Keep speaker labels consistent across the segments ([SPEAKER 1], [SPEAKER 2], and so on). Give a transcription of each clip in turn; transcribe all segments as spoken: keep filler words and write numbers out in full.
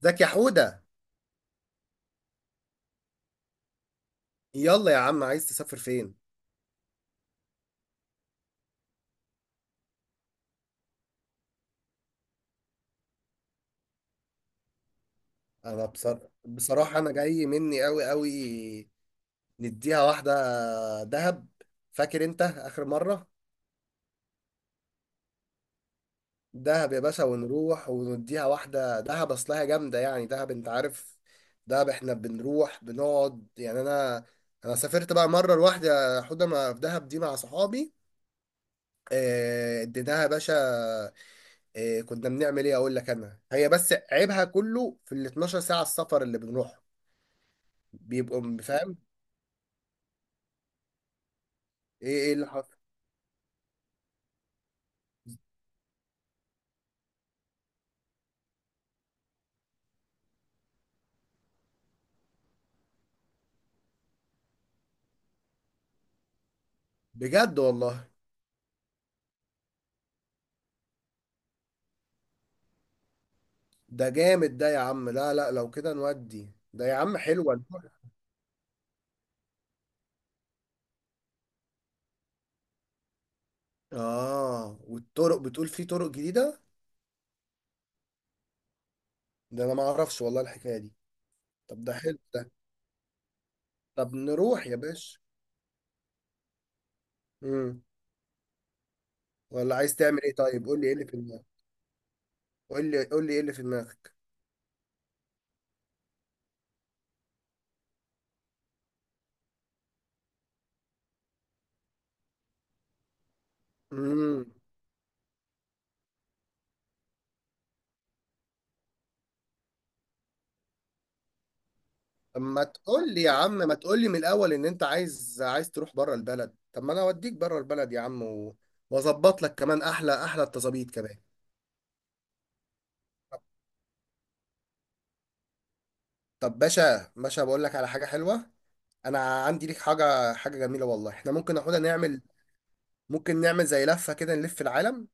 [SPEAKER 1] زكي حودة، يلا يا عم، عايز تسافر فين؟ انا بصر... بصراحة انا جاي مني قوي قوي. نديها واحدة، دهب. فاكر انت اخر مرة؟ دهب يا باشا ونروح ونديها واحدة دهب، اصلها جامدة يعني، دهب انت عارف. دهب احنا بنروح بنقعد يعني، انا انا سافرت بقى مرة لوحدي يا حودة ما في دهب دي مع صحابي. آه، اديناها يا باشا. آه، كنا بنعمل ايه اقول لك، انا هي بس عيبها كله في ال اثنا عشر ساعة السفر اللي بنروح بيبقوا م- فاهم؟ ايه ايه اللي حصل؟ بجد والله؟ ده جامد ده يا عم. لا لا، لو كده نودي ده يا عم، حلوة الفكرة. اه، والطرق بتقول في طرق جديدة؟ ده انا ما اعرفش والله الحكاية دي. طب ده حلو ده. طب نروح يا باشا. امم. ولا عايز تعمل ايه؟ طيب قول لي ايه اللي في دماغك، قول لي قول لي ايه اللي في دماغك. امم. طب ما تقول لي يا عم، ما تقول لي من الاول ان انت عايز عايز تروح بره البلد. طب ما انا اوديك بره البلد يا عم، و... واظبط لك كمان احلى احلى التظابيط كمان. طب باشا باشا، بقول لك على حاجة حلوة. انا عندي ليك حاجة، حاجة جميلة والله، احنا ممكن ناخدها نعمل. ممكن نعمل زي لفة كده نلف العالم.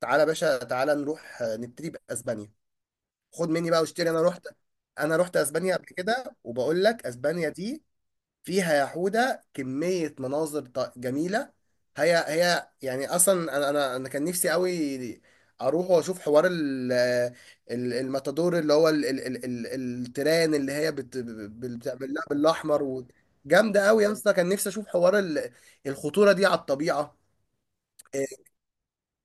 [SPEAKER 1] تعالى يا باشا، تعالى نروح آه، نبتدي بأسبانيا. خد مني بقى واشتري. انا رحت انا رحت اسبانيا قبل كده، وبقول لك اسبانيا دي فيها يا حودة كمية مناظر ط- جميلة. هي هي يعني اصلا، انا انا انا كان نفسي قوي اروح واشوف حوار ال- ال- الماتادور اللي هو ال- ال- ال- ال- التران اللي هي بت- بال- بتعمل لها بالاحمر و- جامدة قوي يا اسطى، كان نفسي اشوف حوار ال- الخطورة دي على الطبيعة.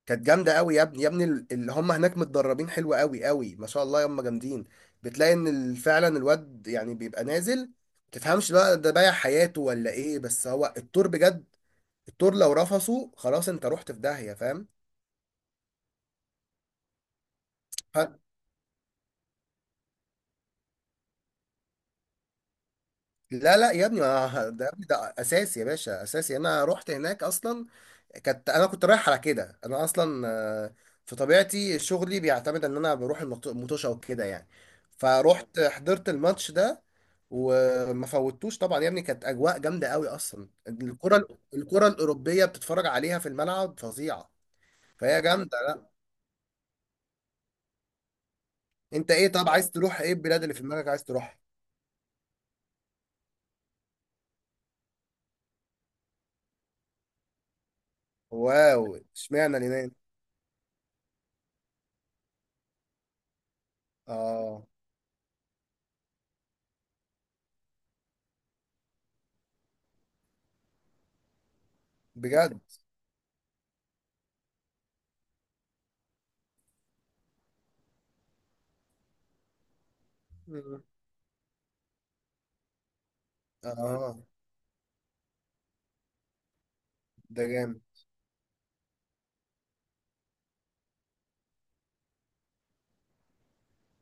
[SPEAKER 1] كانت جامده قوي يا ابني يا ابني، ال- اللي هم هناك متدربين حلو قوي قوي، ما شاء الله هم جامدين. بتلاقي ان ال- فعلا الواد يعني بيبقى نازل، تفهمش بقى ده بايع حياته ولا ايه؟ بس هو التور بجد. التور لو رفصه خلاص انت رحت في داهيه، فاهم؟ لا لا يا ابني، ما- ده يا ابني ده اساسي يا باشا، اساسي. انا رحت هناك اصلا. كانت، انا كنت رايح على كده، انا اصلا آه، في طبيعتي شغلي بيعتمد ان انا بروح المط- المطوشه وكده يعني. فروحت حضرت الماتش ده وما فوتوش طبعا يا ابني. كانت اجواء جامده قوي، اصلا الكره الكره الاوروبيه بتتفرج عليها في الملعب فظيعه. فهي جامده. لا، انت ايه؟ طب عايز تروح ايه؟ البلاد اللي في دماغك عايز تروحها. واو، اشمعنى اليونان؟ اه، بجد؟ مم. اه، ده جامد.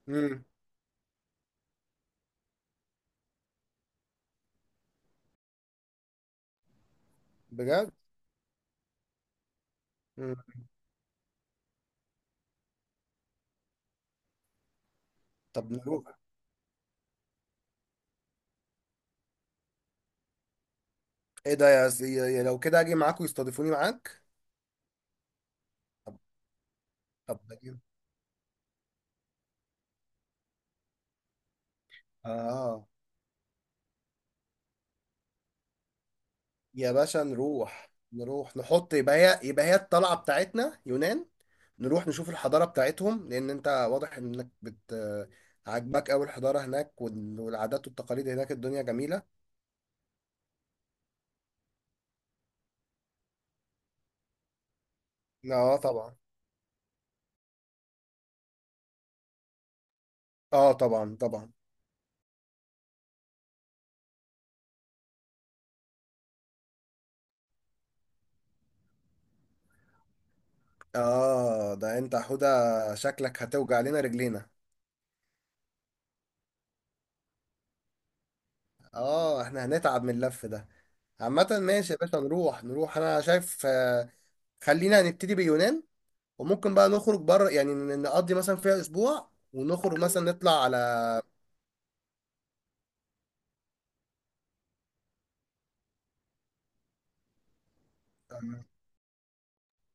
[SPEAKER 1] امم. بجد. مم. طب نروح. ايه ده يا سي... يا، لو كده اجي معاك ويستضيفوني معاك. طب طب ده جامد. اه، يا باشا نروح نروح نحط، يبقى هي، يبقى هي الطلعه بتاعتنا يونان. نروح نشوف الحضاره بتاعتهم، لان انت واضح انك بت عاجباك قوي الحضاره هناك، وال- والعادات والتقاليد هناك، الدنيا جميله. اه طبعا. اه طبعا طبعا. اه ده انت يا حوده، شكلك هتوجع لنا رجلينا. اه، احنا هنتعب من اللف ده. عامة ماشي يا باشا نروح نروح، أنا شايف آه، خلينا نبتدي باليونان، وممكن بقى نخرج بره يعني، ن- نقضي مثلا فيها أسبوع ونخرج مثلا نطلع على.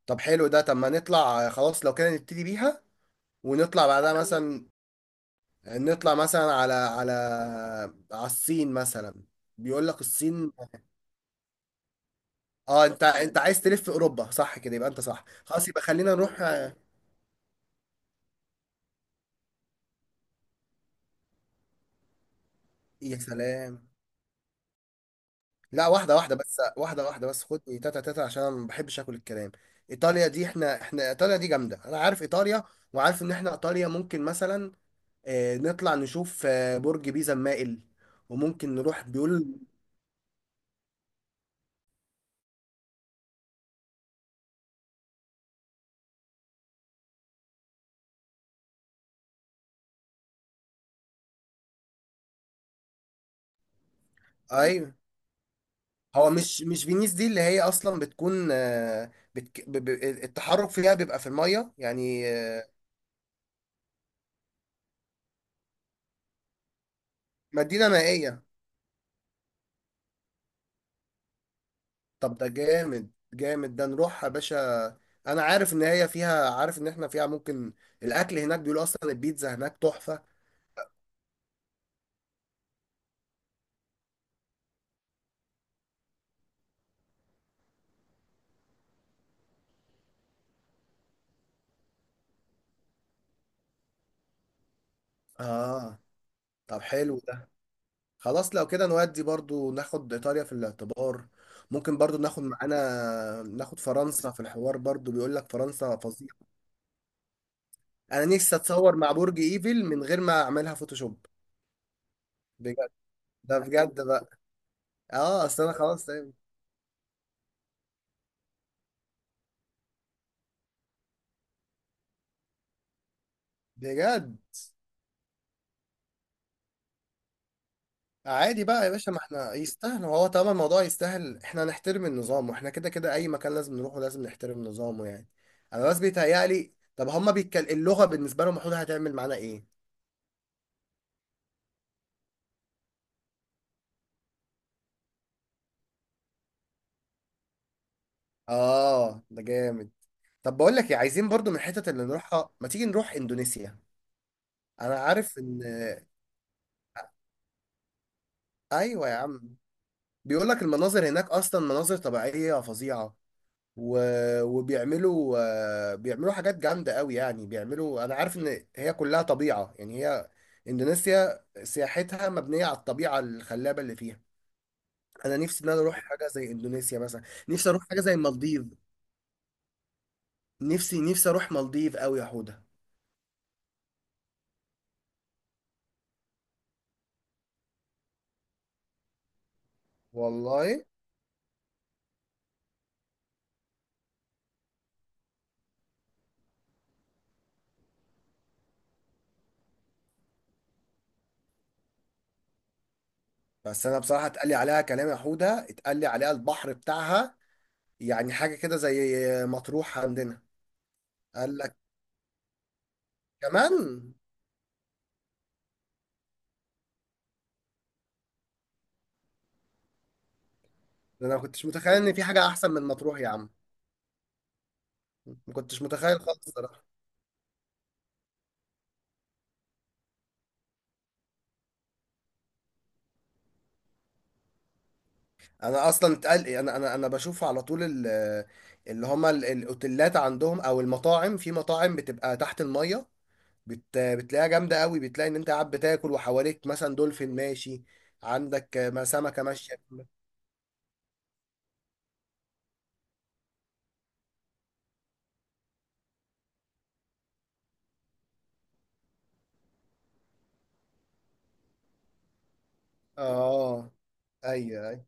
[SPEAKER 1] طب حلو ده. طب ما نطلع آه، خلاص لو كده نبتدي بيها، ونطلع بعدها مثلا، نطلع مثلا على على على الصين مثلا. بيقول لك الصين. اه، انت انت عايز تلف في اوروبا صح كده؟ يبقى انت صح. خلاص يبقى خلينا نروح آه، يا سلام. لا، واحدة واحدة بس، واحدة واحدة بس، خد تاتا تاتا عشان انا ما بحبش اكل الكلام. ايطاليا دي، احنا احنا ايطاليا دي جامدة، انا عارف ايطاليا، وعارف ان احنا ايطاليا ممكن مثلا آه، نطلع نشوف آه، برج بيزا المائل، وممكن نروح بيقول. اي، هو مش مش فينيس دي اللي هي اصلا بتكون آه، بتك... ب... ب... التحرك فيها بيبقى في المية يعني آه، مدينة مائية. طب ده جامد جامد ده، نروح يا باشا. انا عارف ان هي فيها، عارف ان احنا فيها ممكن الاكل هناك، بيقولوا اصلا البيتزا هناك تحفة. اه، طب حلو ده. خلاص لو كده نودي برضو ناخد ايطاليا في الاعتبار، ممكن برضو ناخد معانا، ناخد فرنسا في الحوار برضو، بيقول لك فرنسا فظيعة. انا نفسي اتصور مع برج ايفل من غير ما اعملها فوتوشوب. بجد، ده بجد بقى. اه اصل انا خلاص. بجد. عادي بقى يا باشا، ما احنا يستاهل، هو طالما الموضوع يستاهل احنا نحترم النظام، واحنا كده كده اي مكان لازم نروحه لازم نحترم نظامه يعني. انا بس بيتهيألي، طب هما بيتكل... اللغة بالنسبة لهم المفروض هتعمل معانا ايه؟ اه، ده جامد. طب بقول لك ايه، عايزين برضو من الحتت اللي نروحها، ما تيجي نروح اندونيسيا. انا عارف ان. ايوه يا عم، بيقول لك المناظر هناك اصلا مناظر طبيعية فظيعة، و... وبيعملوا آه، بيعملوا حاجات جامدة قوي يعني، بيعملوا، أنا عارف إن هي كلها طبيعة يعني، هي إندونيسيا سياحتها مبنية على الطبيعة الخلابة اللي فيها. أنا نفسي إن أنا أروح حاجة زي إندونيسيا مثلا. نفسي أروح حاجة زي المالديف. نفسي نفسي أروح مالديف قوي يا حودة، والله. بس أنا بصراحة اتقال لي عليها كلام يا حودة، اتقال لي عليها البحر بتاعها يعني حاجة كده زي مطروح عندنا. قال لك كمان. ده أنا ما كنتش متخيل إن في حاجة أحسن من مطروح يا عم. ما كنتش متخيل خالص صراحة. انا اصلا اتقل، انا انا انا بشوف على طول ال- اللي هما ال- الاوتيلات عندهم، او المطاعم، في مطاعم بتبقى تحت المية، بت... بتلاقيها جامدة قوي، بتلاقي ان انت قاعد بتاكل وحواليك مثلا دولفين ماشي، عندك ما سمكة ماشية. اه، ايوه ايوه.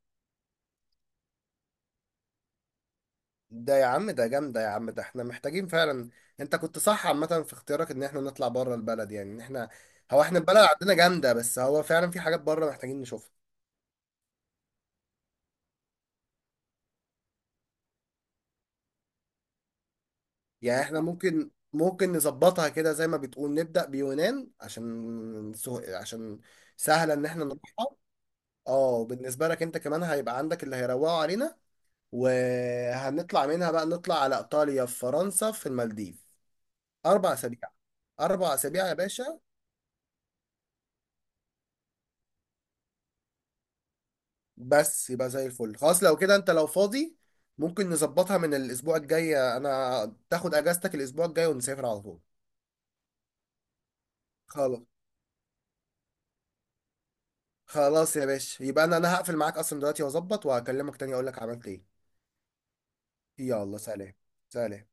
[SPEAKER 1] ده يا عم ده جامدة يا عم، ده احنا محتاجين فعلا. انت كنت صح عامة في اختيارك ان احنا نطلع بره البلد، يعني ان احنا، هو احنا البلد عندنا جامدة بس هو فعلا في حاجات بره محتاجين نشوفها. يعني احنا ممكن ممكن نظبطها كده زي ما بتقول، نبدأ بيونان عشان سه... عشان سهلة ان احنا نروحها. اه، بالنسبة لك انت كمان هيبقى عندك اللي هيروقوا علينا، وهنطلع منها بقى نطلع على ايطاليا في فرنسا في المالديف. اربع اسابيع. اربع اسابيع يا باشا. بس يبقى زي الفل. خلاص لو كده انت لو فاضي، ممكن نظبطها من الاسبوع الجاي، انا تاخد اجازتك الاسبوع الجاي ونسافر على طول. خلاص. خلاص يا باشا، يبقى انا انا هقفل معاك اصلا دلوقتي واظبط وهكلمك تاني اقول لك عملت ايه. يلا سلام. سلام.